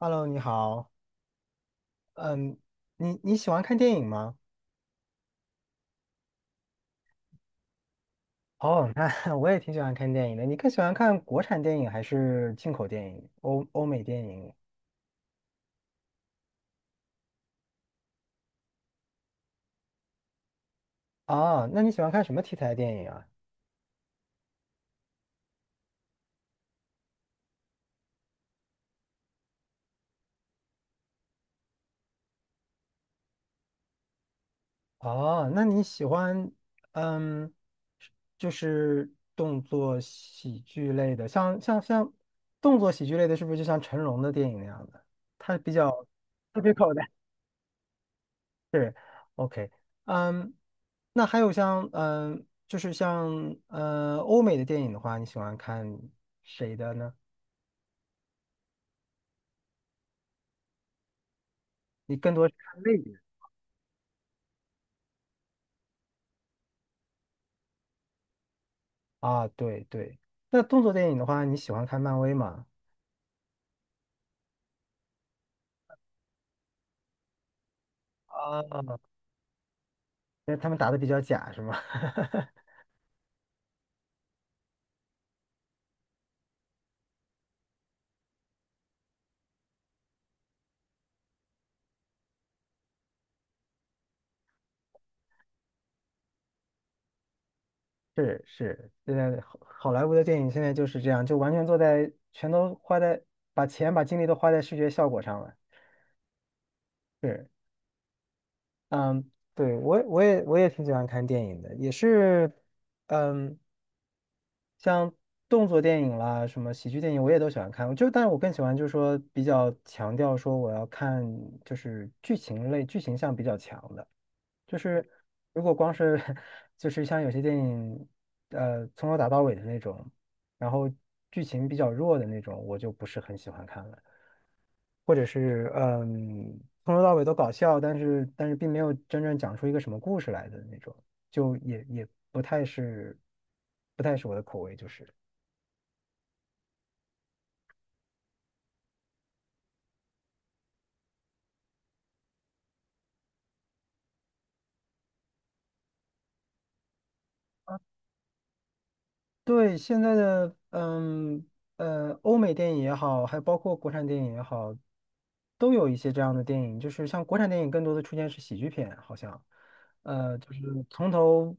Hello，你好。嗯，你喜欢看电影吗？哦，那 我也挺喜欢看电影的。你更喜欢看国产电影还是进口电影、欧美电影？哦，那你喜欢看什么题材的电影啊？哦，那你喜欢嗯，就是动作喜剧类的，像动作喜剧类的，是不是就像成龙的电影那样的？他比较特别口的是，OK，嗯，那还有像，嗯，就是像，嗯，欧美的电影的话，你喜欢看谁的呢？你更多是看类别啊，对对。那动作电影的话，你喜欢看漫威吗？啊，因为他们打的比较假，是吗？是是，现在好莱坞的电影现在就是这样，就完全坐在，全都花在，把钱把精力都花在视觉效果上了。是，嗯，对，我也挺喜欢看电影的，也是，嗯。像动作电影啦，什么喜剧电影，我也都喜欢看。就，但是我更喜欢就是说比较强调说我要看就是剧情类，剧情向比较强的。就是如果光是 就是像有些电影，从头打到尾的那种，然后剧情比较弱的那种，我就不是很喜欢看了。或者是从头到尾都搞笑，但是并没有真正讲出一个什么故事来的那种，就也不太是不太是我的口味，就是。对，现在的欧美电影也好，还包括国产电影也好，都有一些这样的电影。就是像国产电影更多的出现是喜剧片，好像，就是从头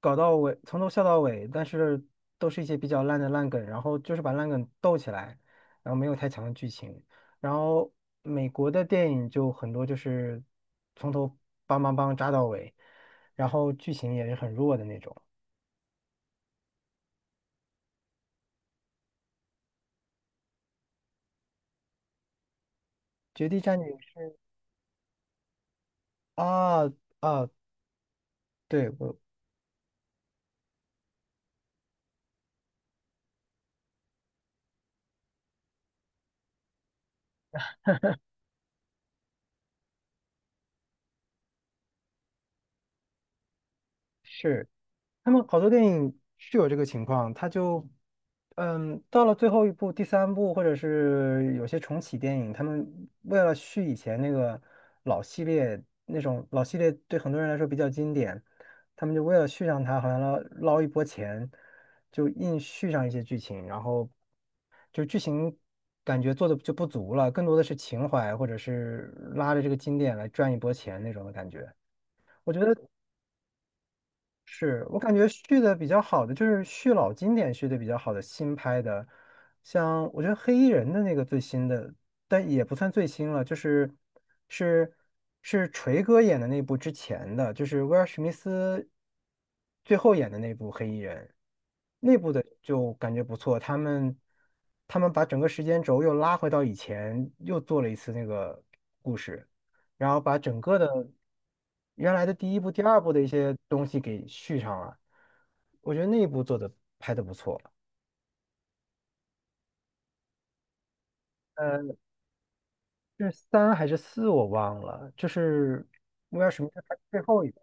搞到尾，从头笑到尾，但是都是一些比较烂的烂梗，然后就是把烂梗逗起来，然后没有太强的剧情。然后美国的电影就很多就是从头梆梆梆扎到尾，然后剧情也是很弱的那种。《绝地战警》啊啊，对，我是他们好多电影是有这个情况，他就嗯，到了最后一部、第三部，或者是有些重启电影，他们为了续以前那个老系列，那种老系列对很多人来说比较经典，他们就为了续上它，好像捞捞一波钱，就硬续上一些剧情，然后就剧情感觉做的就不足了，更多的是情怀或者是拉着这个经典来赚一波钱那种的感觉。我觉得是我感觉续的比较好的就是续老经典续的比较好的新拍的，像我觉得黑衣人的那个最新的，但也不算最新了，就是是是锤哥演的那部之前的，就是威尔史密斯最后演的那部黑衣人。内部的就感觉不错，他们他们把整个时间轴又拉回到以前，又做了一次那个故事，然后把整个的原来的第一部、第二部的一些东西给续上了。我觉得那一部做的拍的不错，呃，是三还是四我忘了，就是威尔史密斯拍的最后一部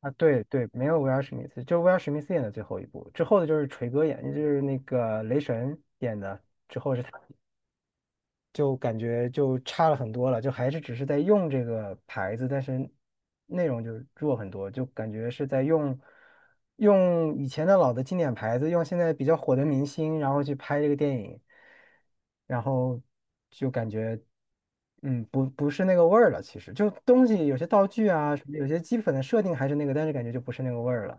啊，对对，没有威尔史密斯，就是威尔史密斯演的最后一部，之后的就是锤哥演，就是那个雷神演的，之后是他。就感觉就差了很多了，就还是只是在用这个牌子，但是内容就弱很多，就感觉是在用用以前的老的经典牌子，用现在比较火的明星，然后去拍这个电影，然后就感觉不是那个味儿了。其实就东西有些道具啊，什么有些基本的设定还是那个，但是感觉就不是那个味儿了。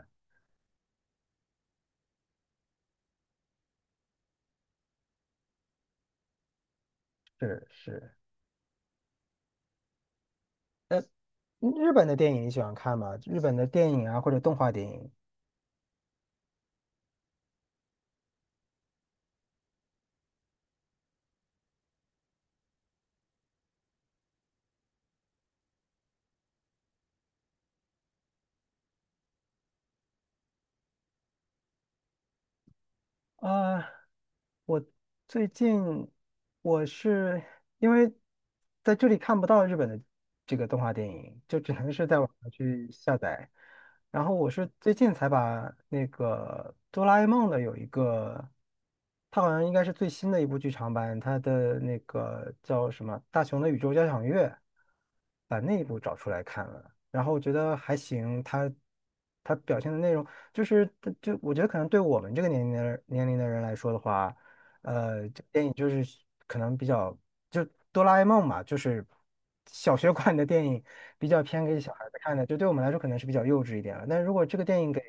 是是，日本的电影你喜欢看吗？日本的电影啊，或者动画电影？啊，我最近我是因为在这里看不到日本的这个动画电影，就只能是在网上去下载。然后我是最近才把那个哆啦 A 梦的有一个，它好像应该是最新的一部剧场版，它的那个叫什么《大雄的宇宙交响乐》，把那一部找出来看了。然后我觉得还行，他他表现的内容就是它就我觉得可能对我们这个年龄的人年龄的人来说的话，这电影就是可能比较就哆啦 A 梦嘛，就是小学馆的电影比较偏给小孩子看的，就对我们来说可能是比较幼稚一点了。但如果这个电影给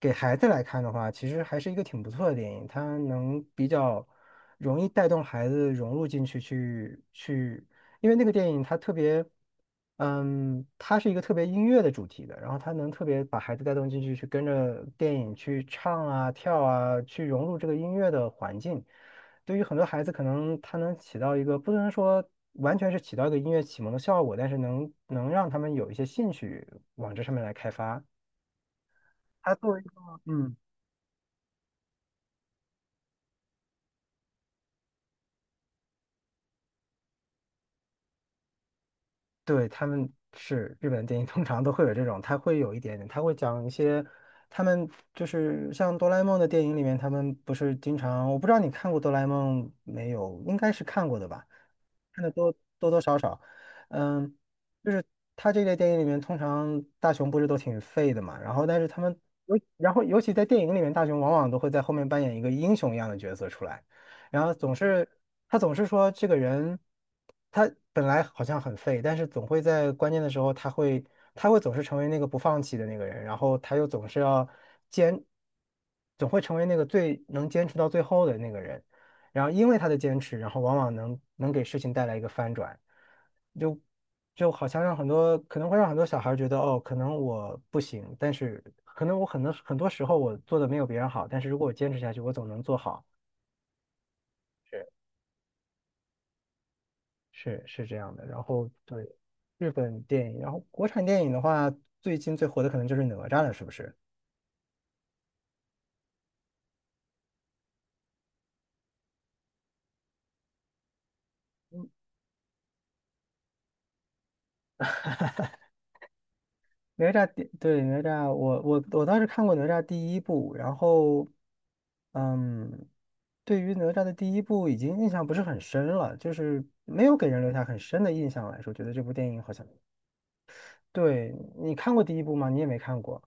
给孩子来看的话，其实还是一个挺不错的电影，它能比较容易带动孩子融入进去。因为那个电影它特别，嗯，它是一个特别音乐的主题的，然后它能特别把孩子带动进去，去跟着电影去唱啊、跳啊，去融入这个音乐的环境。对于很多孩子，可能它能起到一个不能说完全是起到一个音乐启蒙的效果，但是能让他们有一些兴趣往这上面来开发。它作为一个，嗯。对，他们是日本电影，通常都会有这种，他会有一点点，他会讲一些，他们就是像哆啦 A 梦的电影里面，他们不是经常，我不知道你看过哆啦 A 梦没有，应该是看过的吧，看的多多多少少，嗯，就是他这类电影里面，通常大雄不是都挺废的嘛，然后但是他们尤然后尤其在电影里面，大雄往往都会在后面扮演一个英雄一样的角色出来。然后总是他总是说这个人，他本来好像很废，但是总会在关键的时候，他会总是成为那个不放弃的那个人，然后他又总是要坚，总会成为那个最能坚持到最后的那个人。然后因为他的坚持，然后往往能给事情带来一个翻转，就就好像让很多可能会让很多小孩觉得哦，可能我不行，但是可能我很多很多时候我做的没有别人好，但是如果我坚持下去，我总能做好。是。是是这样的。然后对日本电影，然后国产电影的话，最近最火的可能就是哪吒了，是不是？嗯哪吒第对哪吒，我倒是看过哪吒第一部，然后嗯，对于哪吒的第一部已经印象不是很深了，就是没有给人留下很深的印象来说，觉得这部电影好像对你看过第一部吗？你也没看过，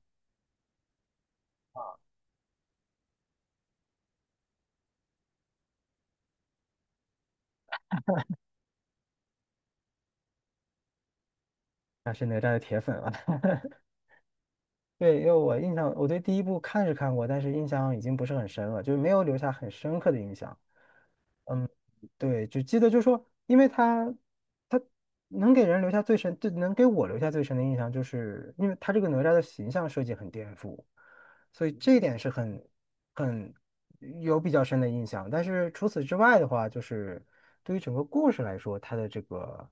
那是哪吒的铁粉了。对，因为我印象，我对第一部看是看过，但是印象已经不是很深了，就是没有留下很深刻的印象。嗯，对，只记得就是说，因为他他能给人留下最深，就能给我留下最深的印象，就是因为他这个哪吒的形象设计很颠覆，所以这一点是很有比较深的印象。但是除此之外的话，就是对于整个故事来说，它的这个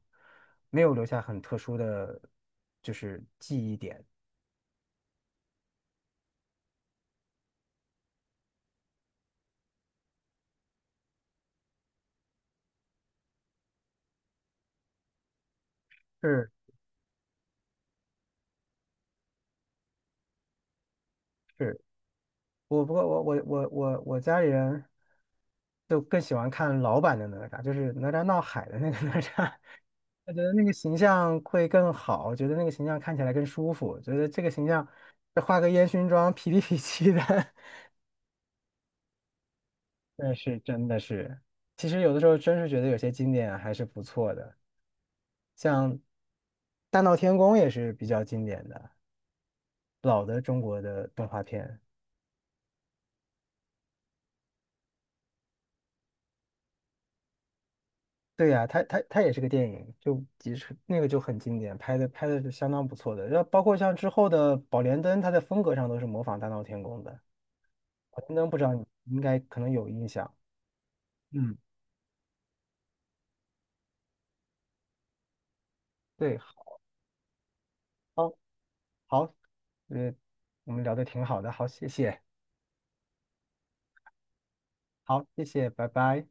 没有留下很特殊的就是记忆点。是是。我不过我家里人就更喜欢看老版的哪吒，就是哪吒闹海的那个 哪吒，我觉得那个形象会更好，觉得那个形象看起来更舒服，觉得这个形象再画个烟熏妆，痞里痞气的，那是真的是，其实有的时候真是觉得有些经典还是不错的，像《大闹天宫》也是比较经典的老的中国的动画片。对呀、它也是个电影，就即使那个就很经典，拍的是相当不错的。然后包括像之后的《宝莲灯》，它在风格上都是模仿《大闹天宫》的。《宝莲灯》不知道你应该可能有印象，嗯，对，好，好，呃，我们聊的挺好的，好，谢谢，好，谢谢，拜拜。